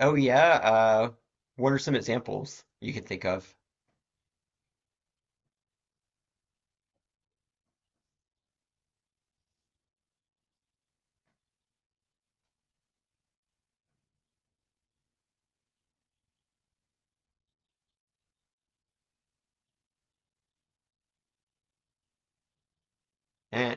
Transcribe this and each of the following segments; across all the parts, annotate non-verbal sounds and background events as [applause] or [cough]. Oh yeah, uh what are some examples you can think of? Eh.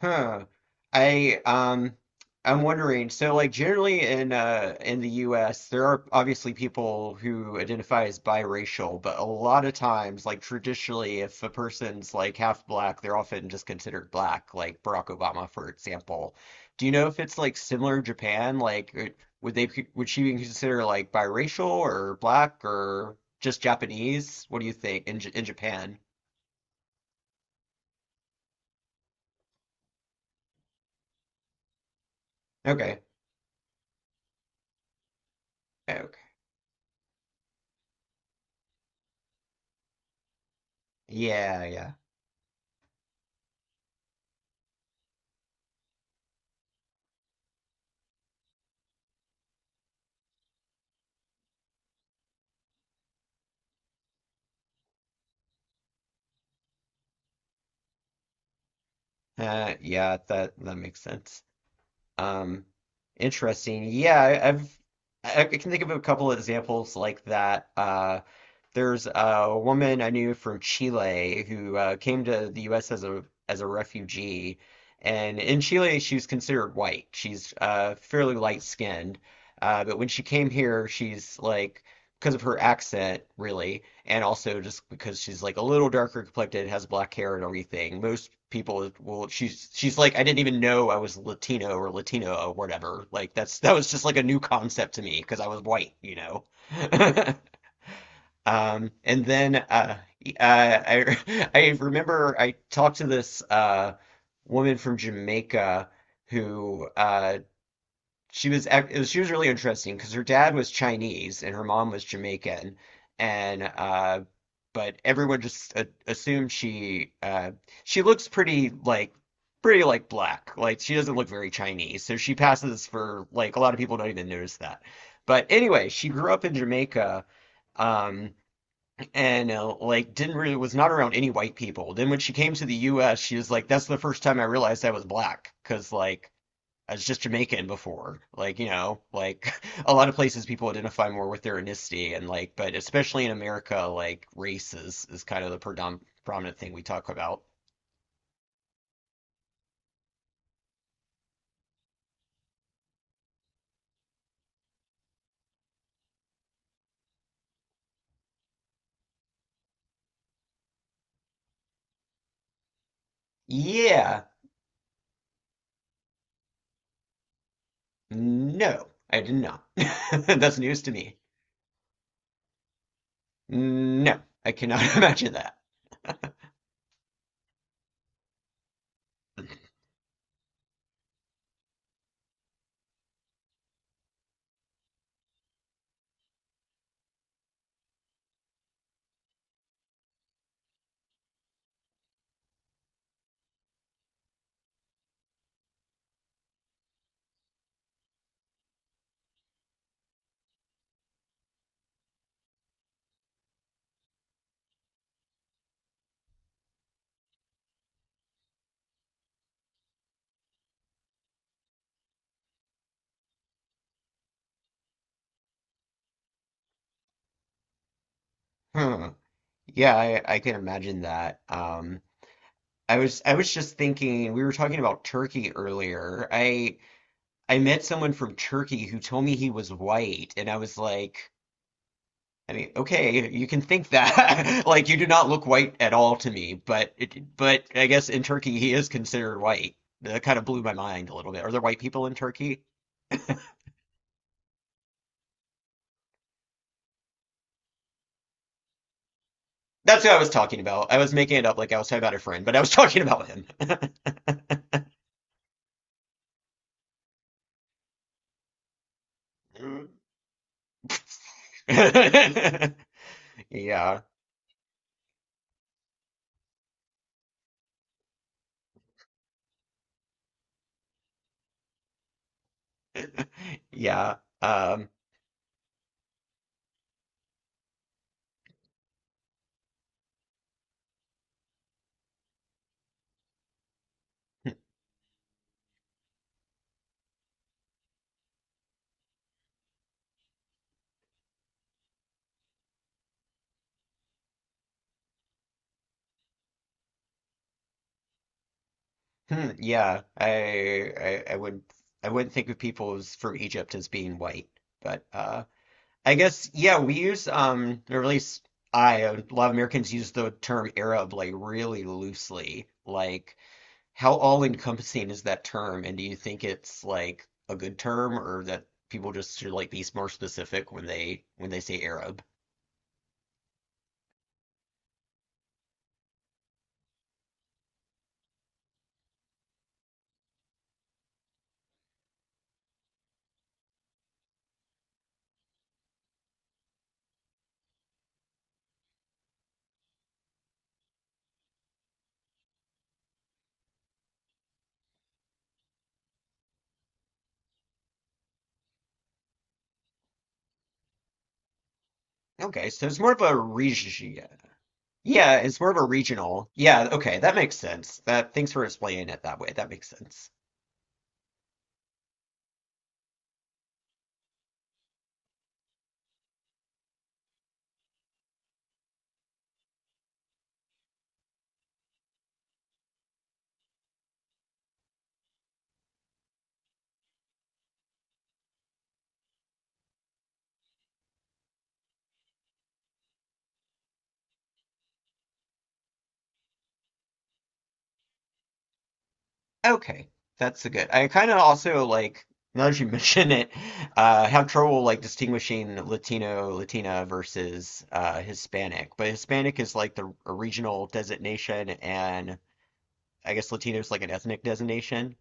Huh. I I'm wondering, so like generally in the US there are obviously people who identify as biracial, but a lot of times, like traditionally, if a person's like half black, they're often just considered black, like Barack Obama, for example. Do you know if it's like similar in Japan? Like it- would they would she be considered like biracial or black or just Japanese? What do you think in J in Japan? Okay. Okay. Yeah, yeah. Yeah, that makes sense. Um, interesting. Yeah, I've I can think of a couple of examples like that. There's a woman I knew from Chile who came to the U.S. As a refugee, and in Chile she was considered white. She's fairly light skinned, but when she came here, she's like because of her accent, really, and also just because she's like a little darker complected, has black hair and everything. Most people will she's like I didn't even know I was Latino or Latino or whatever. Like that's that was just like a new concept to me because I was white, you know. [laughs] And then I [laughs] I remember I talked to this woman from Jamaica who it was she was really interesting because her dad was Chinese and her mom was Jamaican and but everyone just assumed she looks pretty like black, like she doesn't look very Chinese, so she passes for like a lot of people don't even notice that, but anyway she grew up in Jamaica. Um, and like didn't really was not around any white people. Then when she came to the U.S., she was like, "That's the first time I realized I was black," because like I was just Jamaican before. Like you know, like [laughs] a lot of places people identify more with their ethnicity, and like, but especially in America, like race is kind of the predom prominent thing we talk about. Yeah, no, I did not. [laughs] That's news to me. No, I cannot [laughs] imagine that. Hmm. Yeah, I can imagine that. I was just thinking we were talking about Turkey earlier. I met someone from Turkey who told me he was white, and I was like, I mean, okay, you can think that. [laughs] Like you do not look white at all to me, but but I guess in Turkey he is considered white. That kind of blew my mind a little bit. Are there white people in Turkey? That's who I was talking about. I was making it up like I was talking about a friend, but I was [laughs] talking about him. [laughs] [laughs] Yeah. Yeah. Um, yeah, I would I wouldn't think of people as, from Egypt as being white, but I guess yeah, we use or at least I a lot of Americans use the term Arab like really loosely. Like how all-encompassing is that term? And do you think it's like a good term or that people just should like be more specific when they say Arab? Okay, so it's more of a region. Yeah, it's more of a regional. Yeah, okay, that makes sense. That thanks for explaining it that way. That makes sense. Okay, that's a good. I kind of also like now that you [laughs] mention it, have trouble like distinguishing Latino, Latina versus Hispanic. But Hispanic is like the a regional designation, and I guess Latino is like an ethnic designation.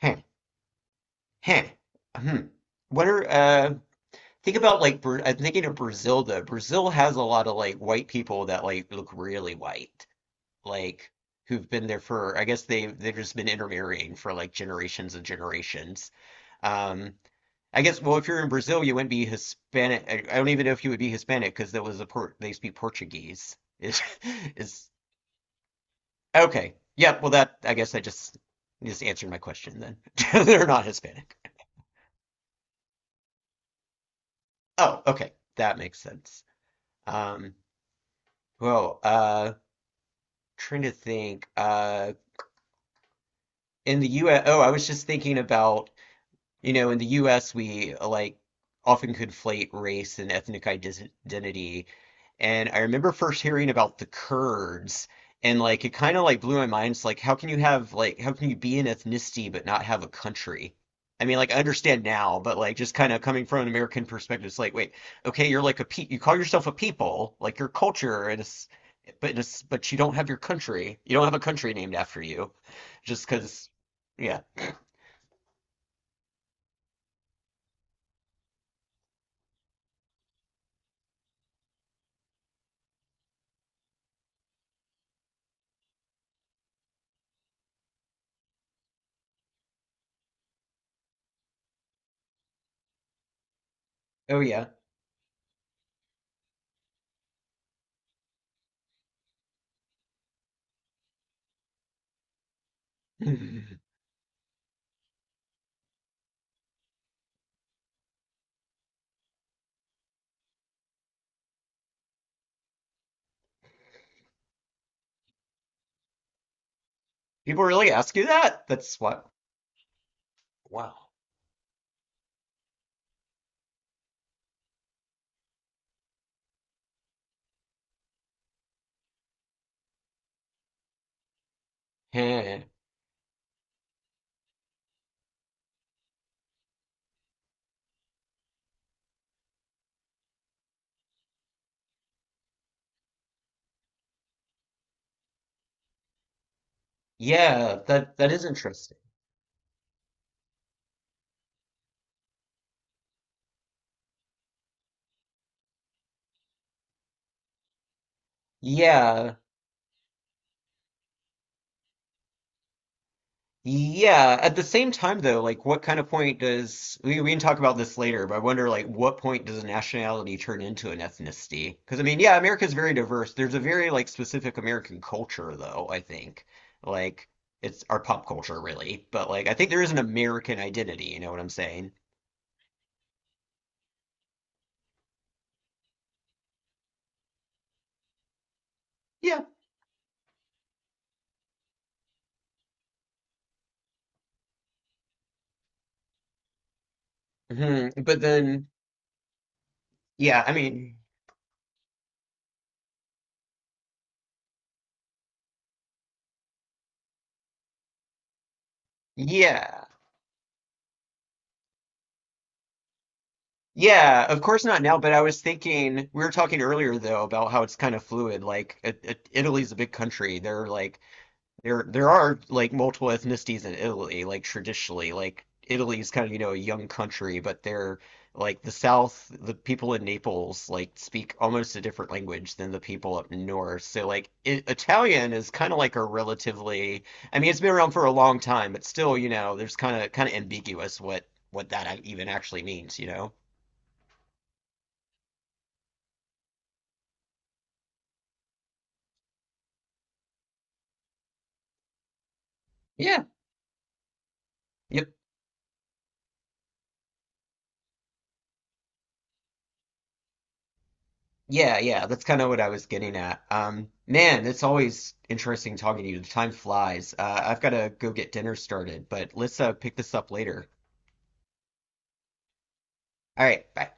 Huh. Huh. Hmm. What are? Think about like I'm thinking of Brazil though. Brazil has a lot of like white people that like look really white, like who've been there for I guess they they've just been intermarrying for like generations and generations. Um, I guess well if you're in Brazil you wouldn't be Hispanic. I don't even know if you would be Hispanic because there was a port they speak Portuguese. Is [laughs] is okay. Yeah, well that I guess I just answered my question then. [laughs] They're not Hispanic. Oh, okay. That makes sense. Um, well, trying to think in the US, oh, I was just thinking about. You know, in the US, we like often conflate race and identity. And I remember first hearing about the Kurds, and like it kind of like blew my mind. It's like, how can you have like, how can you be an ethnicity but not have a country? I mean, like, I understand now, but like, just kind of coming from an American perspective, it's like, wait, okay, you're like a pe you call yourself a people, like your culture, and but but you don't have your country. You don't have a country named after you, just because, yeah. Oh yeah. [laughs] People really ask you that? That's what. Wow. Heh. Yeah, that is interesting. Yeah. Yeah. At the same time though, like what kind of point does we can talk about this later, but I wonder like what point does a nationality turn into an ethnicity? Because I mean, yeah, America's very diverse. There's a very like specific American culture though, I think. Like it's our pop culture really, but like I think there is an American identity, you know what I'm saying? Yeah. hmm But then yeah, I mean, yeah. Yeah, of course not now, but I was thinking, we were talking earlier though about how it's kind of fluid. Like Italy's a big country. There are like there are like multiple ethnicities in Italy, like traditionally. Like Italy's kind of, you know, a young country, but they're like the South, the people in Naples like speak almost a different language than the people up north. So like I Italian is kind of like a relatively, I mean, it's been around for a long time, but still, you know, there's kind of ambiguous what that even actually means, you know? Yep. Yeah, yeah. That's kind of what I was getting at. Man, it's always interesting talking to you. The time flies. I've got to go get dinner started, but let's pick this up later. All right. Bye.